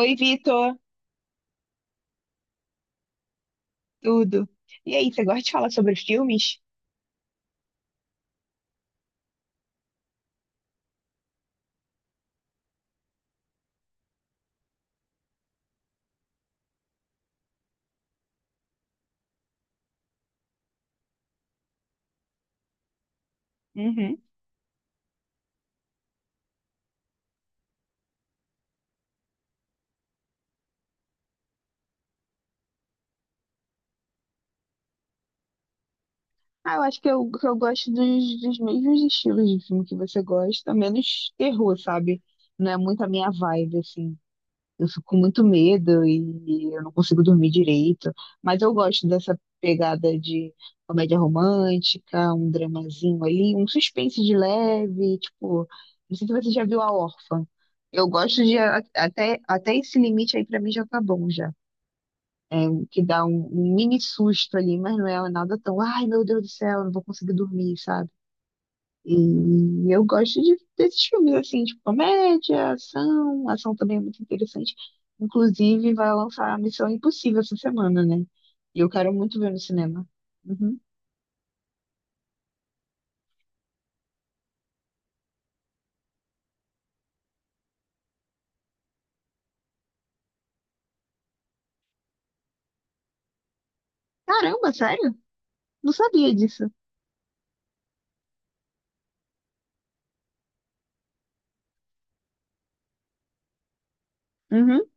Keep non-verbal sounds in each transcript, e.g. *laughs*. Oi, Vitor. Tudo? E aí, você gosta de falar sobre filmes? Uhum. Ah, eu acho que eu gosto dos mesmos estilos de filme que você gosta, menos terror, sabe? Não é muito a minha vibe, assim. Eu fico com muito medo e eu não consigo dormir direito. Mas eu gosto dessa pegada de comédia romântica, um dramazinho ali, um suspense de leve, tipo, não sei se você já viu A Órfã. Eu gosto de até esse limite aí pra mim já tá bom já. Que dá um mini susto ali, mas não é nada tão, ai meu Deus do céu, não vou conseguir dormir, sabe? E eu gosto de, desses filmes assim, tipo comédia, ação, ação também é muito interessante. Inclusive, vai lançar Missão Impossível essa semana, né? E eu quero muito ver no cinema. Uhum. Caramba, sério? Não sabia disso. Uhum.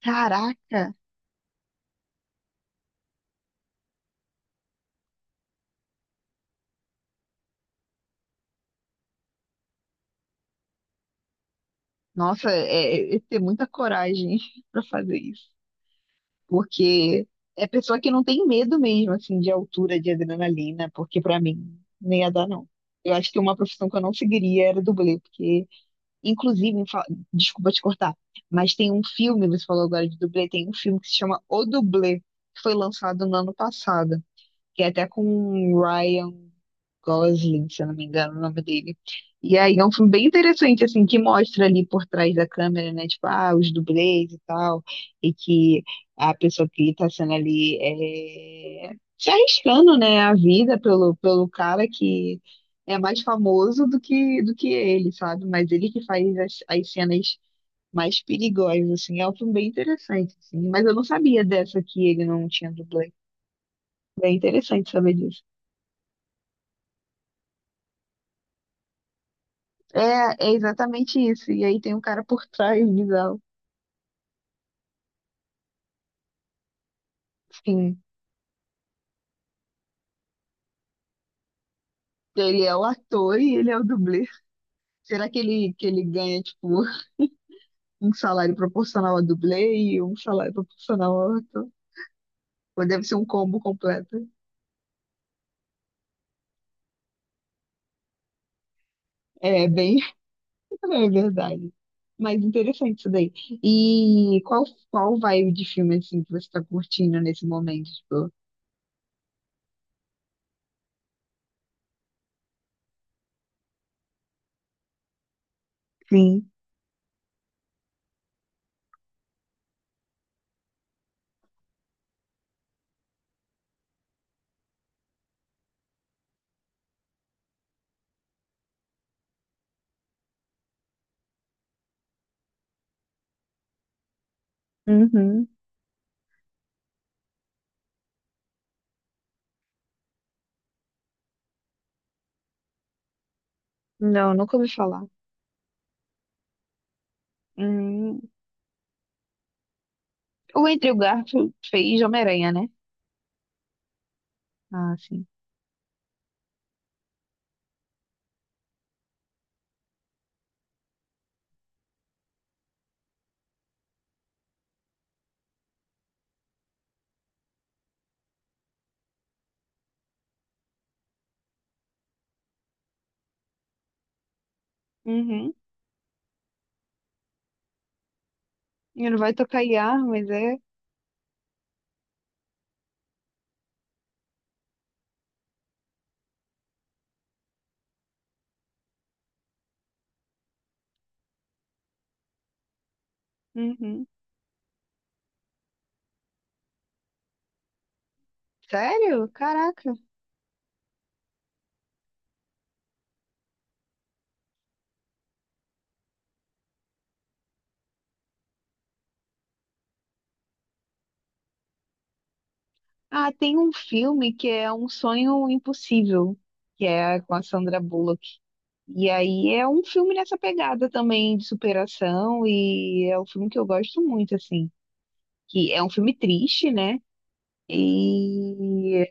Caraca! Nossa, é, é ter muita coragem *laughs* pra fazer isso. Porque é pessoa que não tem medo mesmo, assim, de altura, de adrenalina, porque pra mim nem ia dar, não. Eu acho que uma profissão que eu não seguiria era dublê, porque, inclusive, desculpa te cortar, mas tem um filme, você falou agora de dublê, tem um filme que se chama O Dublê, que foi lançado no ano passado, que é até com o Ryan Gosling, se eu não me engano, o nome dele. E aí é um filme bem interessante, assim, que mostra ali por trás da câmera, né? Tipo, ah, os dublês e tal, e que a pessoa que tá sendo ali é, se arriscando, né, a vida pelo, pelo cara que é mais famoso do que ele, sabe? Mas ele que faz as, as cenas mais perigosas, assim, é um filme bem interessante, assim. Mas eu não sabia dessa que ele não tinha dublê. Bem interessante saber disso. É, é exatamente isso. E aí tem um cara por trás, bizarro. Sim. Ele é o ator e ele é o dublê. Será que ele ganha, tipo, um salário proporcional a dublê e um salário proporcional ao ator? Ou deve ser um combo completo? É bem, *laughs* é verdade. Mas interessante isso daí. E qual vibe de filme, assim, que você tá curtindo nesse momento? Tipo, sim. Uhum. Não, nunca ouvi falar. Hum. O Andrew Garfield fez Homem-Aranha, né? Ah, sim. Uhum. E não vai tocar em mas é? Uhum. Sério? Caraca. Ah, tem um filme que é Um Sonho Impossível, que é com a Sandra Bullock. E aí é um filme nessa pegada também de superação e é um filme que eu gosto muito, assim. Que é um filme triste, né? E é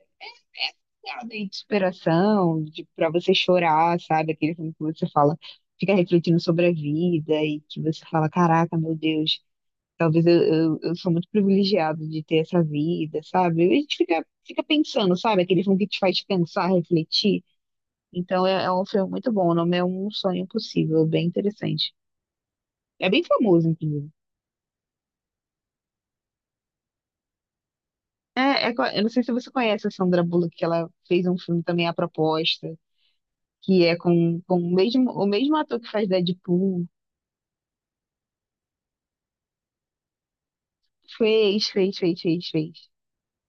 essa pegada aí de superação, de para você chorar, sabe? Aquele filme que você fala, fica refletindo sobre a vida e que você fala, caraca, meu Deus. Talvez eu sou muito privilegiado de ter essa vida, sabe? A gente fica pensando, sabe? Aquele filme que te faz pensar, refletir. Então é, é um filme muito bom. O nome é Um Sonho Impossível, bem interessante. É bem famoso, inclusive. É, eu não sei se você conhece a Sandra Bullock, que ela fez um filme também, A Proposta, que é com o mesmo ator que faz Deadpool. Fez, fez, fez, fez, fez.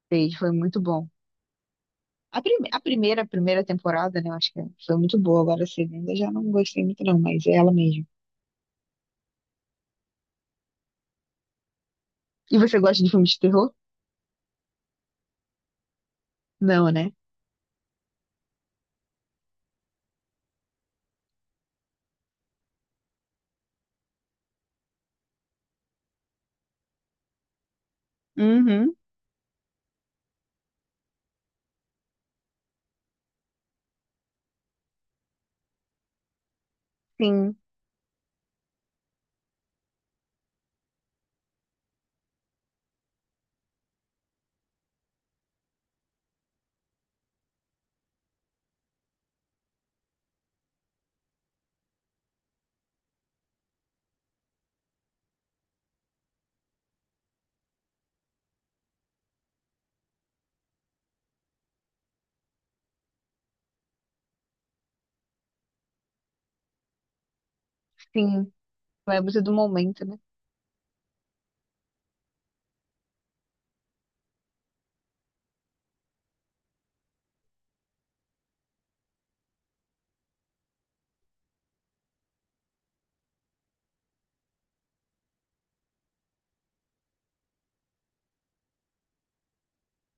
Fez, foi muito bom. A primeira, primeira temporada, né? Eu acho que foi muito boa. Agora a segunda já não gostei muito, não, mas é ela mesmo. E você gosta de filmes de terror? Não, né? Uhum. Sim, sim. Vai muito do momento, né?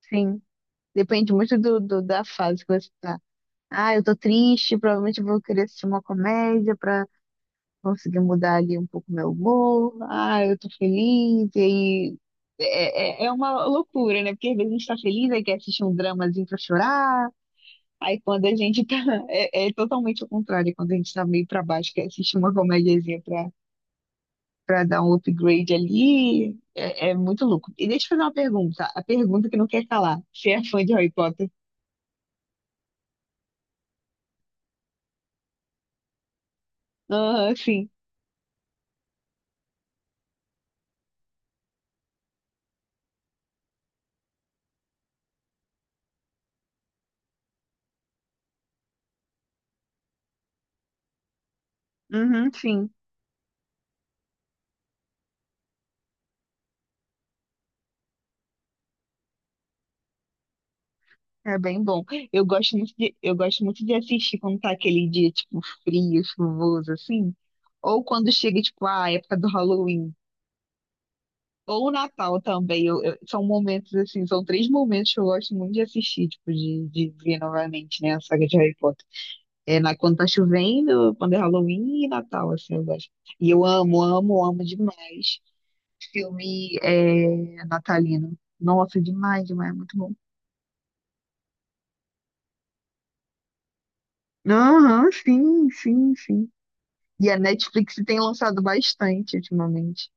Sim. Depende muito do, da fase que você tá. Ah, eu tô triste, provavelmente vou querer assistir uma comédia pra conseguir mudar ali um pouco meu humor. Ah, eu tô feliz, e aí. É, é, é uma loucura, né? Porque às vezes a gente tá feliz, aí quer assistir um dramazinho pra chorar. Aí quando a gente tá. *laughs* É, é totalmente o contrário, quando a gente tá meio pra baixo, que assiste uma comediazinha pra, pra dar um upgrade ali, é, é muito louco. E deixa eu fazer uma pergunta, a pergunta que não quer calar. Você é fã de Harry Potter? Aham, sim. Uhum, sim. É bem bom. Eu gosto muito de assistir quando tá aquele dia, tipo, frio, chuvoso, assim. Ou quando chega, tipo, a época do Halloween. Ou o Natal também. São momentos assim, são três momentos que eu gosto muito de assistir, tipo, de ver novamente, né, a saga de Harry Potter. É na, quando tá chovendo, quando é Halloween e Natal, assim, eu gosto. E eu amo, amo, amo demais filme é, natalino. Nossa, demais, demais, é muito bom. Aham, sim, sim, sim. E a Netflix tem lançado bastante ultimamente.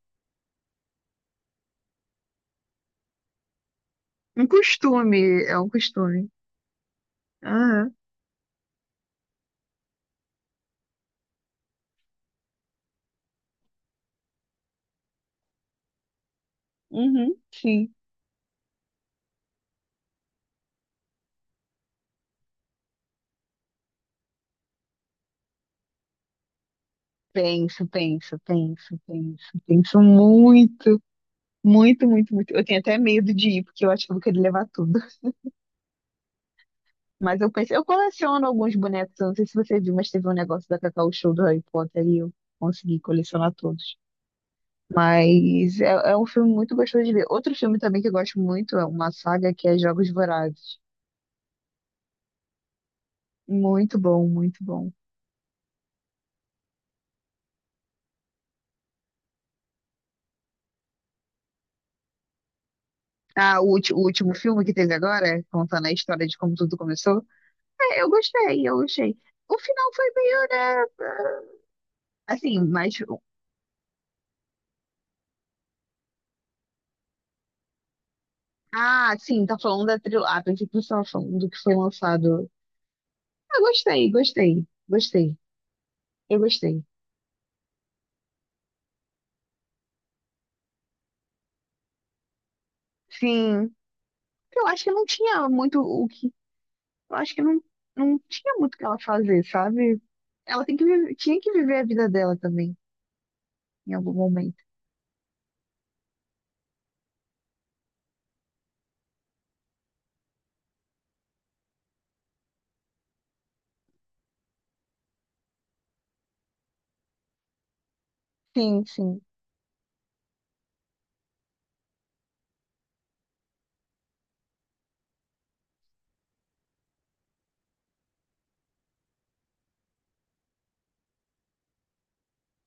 Um costume, é um costume. Aham, uhum, sim. Penso, penso, penso, penso, penso muito, muito, muito, muito. Eu tenho até medo de ir, porque eu acho que eu vou querer levar tudo. *laughs* Mas eu penso, eu coleciono alguns bonecos, eu não sei se você viu, mas teve um negócio da Cacau Show do Harry Potter e eu consegui colecionar todos. Mas é, é um filme muito gostoso de ver. Outro filme também que eu gosto muito é uma saga que é Jogos Vorazes. Muito bom, muito bom. Ah, o último filme que teve agora, contando a história de como tudo começou, é, eu gostei, eu gostei. O final foi meio, né? Assim, mas. Ah, sim, tá falando da trilha, ah, pensei que você tava falando do que foi lançado. Ah, gostei, gostei, gostei. Eu gostei. Sim. Eu acho que não tinha muito o que. Eu acho que não, não tinha muito o que ela fazer, sabe? Ela tem que viver- Tinha que viver a vida dela também, em algum momento. Sim, sim.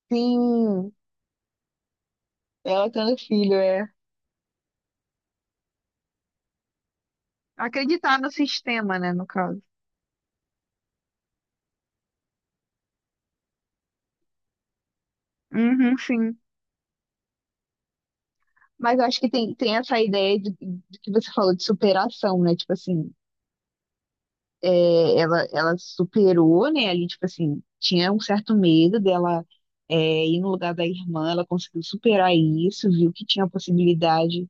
Sim. Ela tendo filho, é. Acreditar no sistema, né, no caso. Uhum, sim. Mas eu acho que tem, tem essa ideia de que você falou de superação, né? Tipo assim. É, ela superou, né? Ali, tipo assim, tinha um certo medo dela é, ir no lugar da irmã, ela conseguiu superar isso, viu que tinha a possibilidade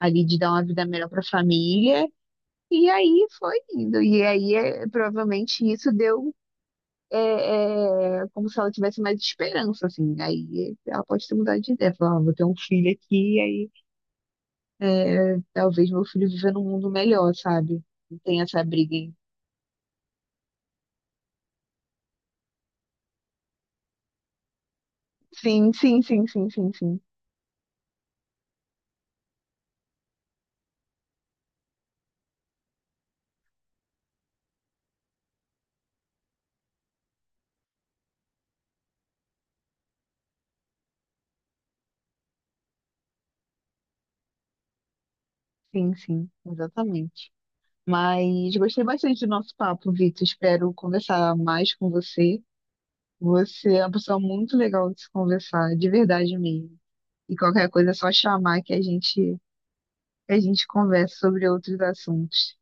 ali de dar uma vida melhor para a família, e aí foi indo. E aí, é, provavelmente, isso deu. É, é, como se ela tivesse mais esperança, assim. Aí ela pode ter mudado de ideia, falar, ah, vou ter um filho aqui, e aí é, talvez meu filho viva num mundo melhor, sabe? Não tem essa briga. Aí. Sim, sim, sim, sim, sim, sim. Sim, sim, exatamente. Mas gostei bastante do nosso papo, Vitor. Espero conversar mais com você. Você é uma pessoa muito legal de se conversar, de verdade mesmo. E qualquer coisa é só chamar que a gente conversa sobre outros assuntos,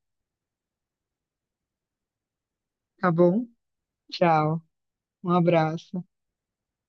tá bom? Tchau, um abraço.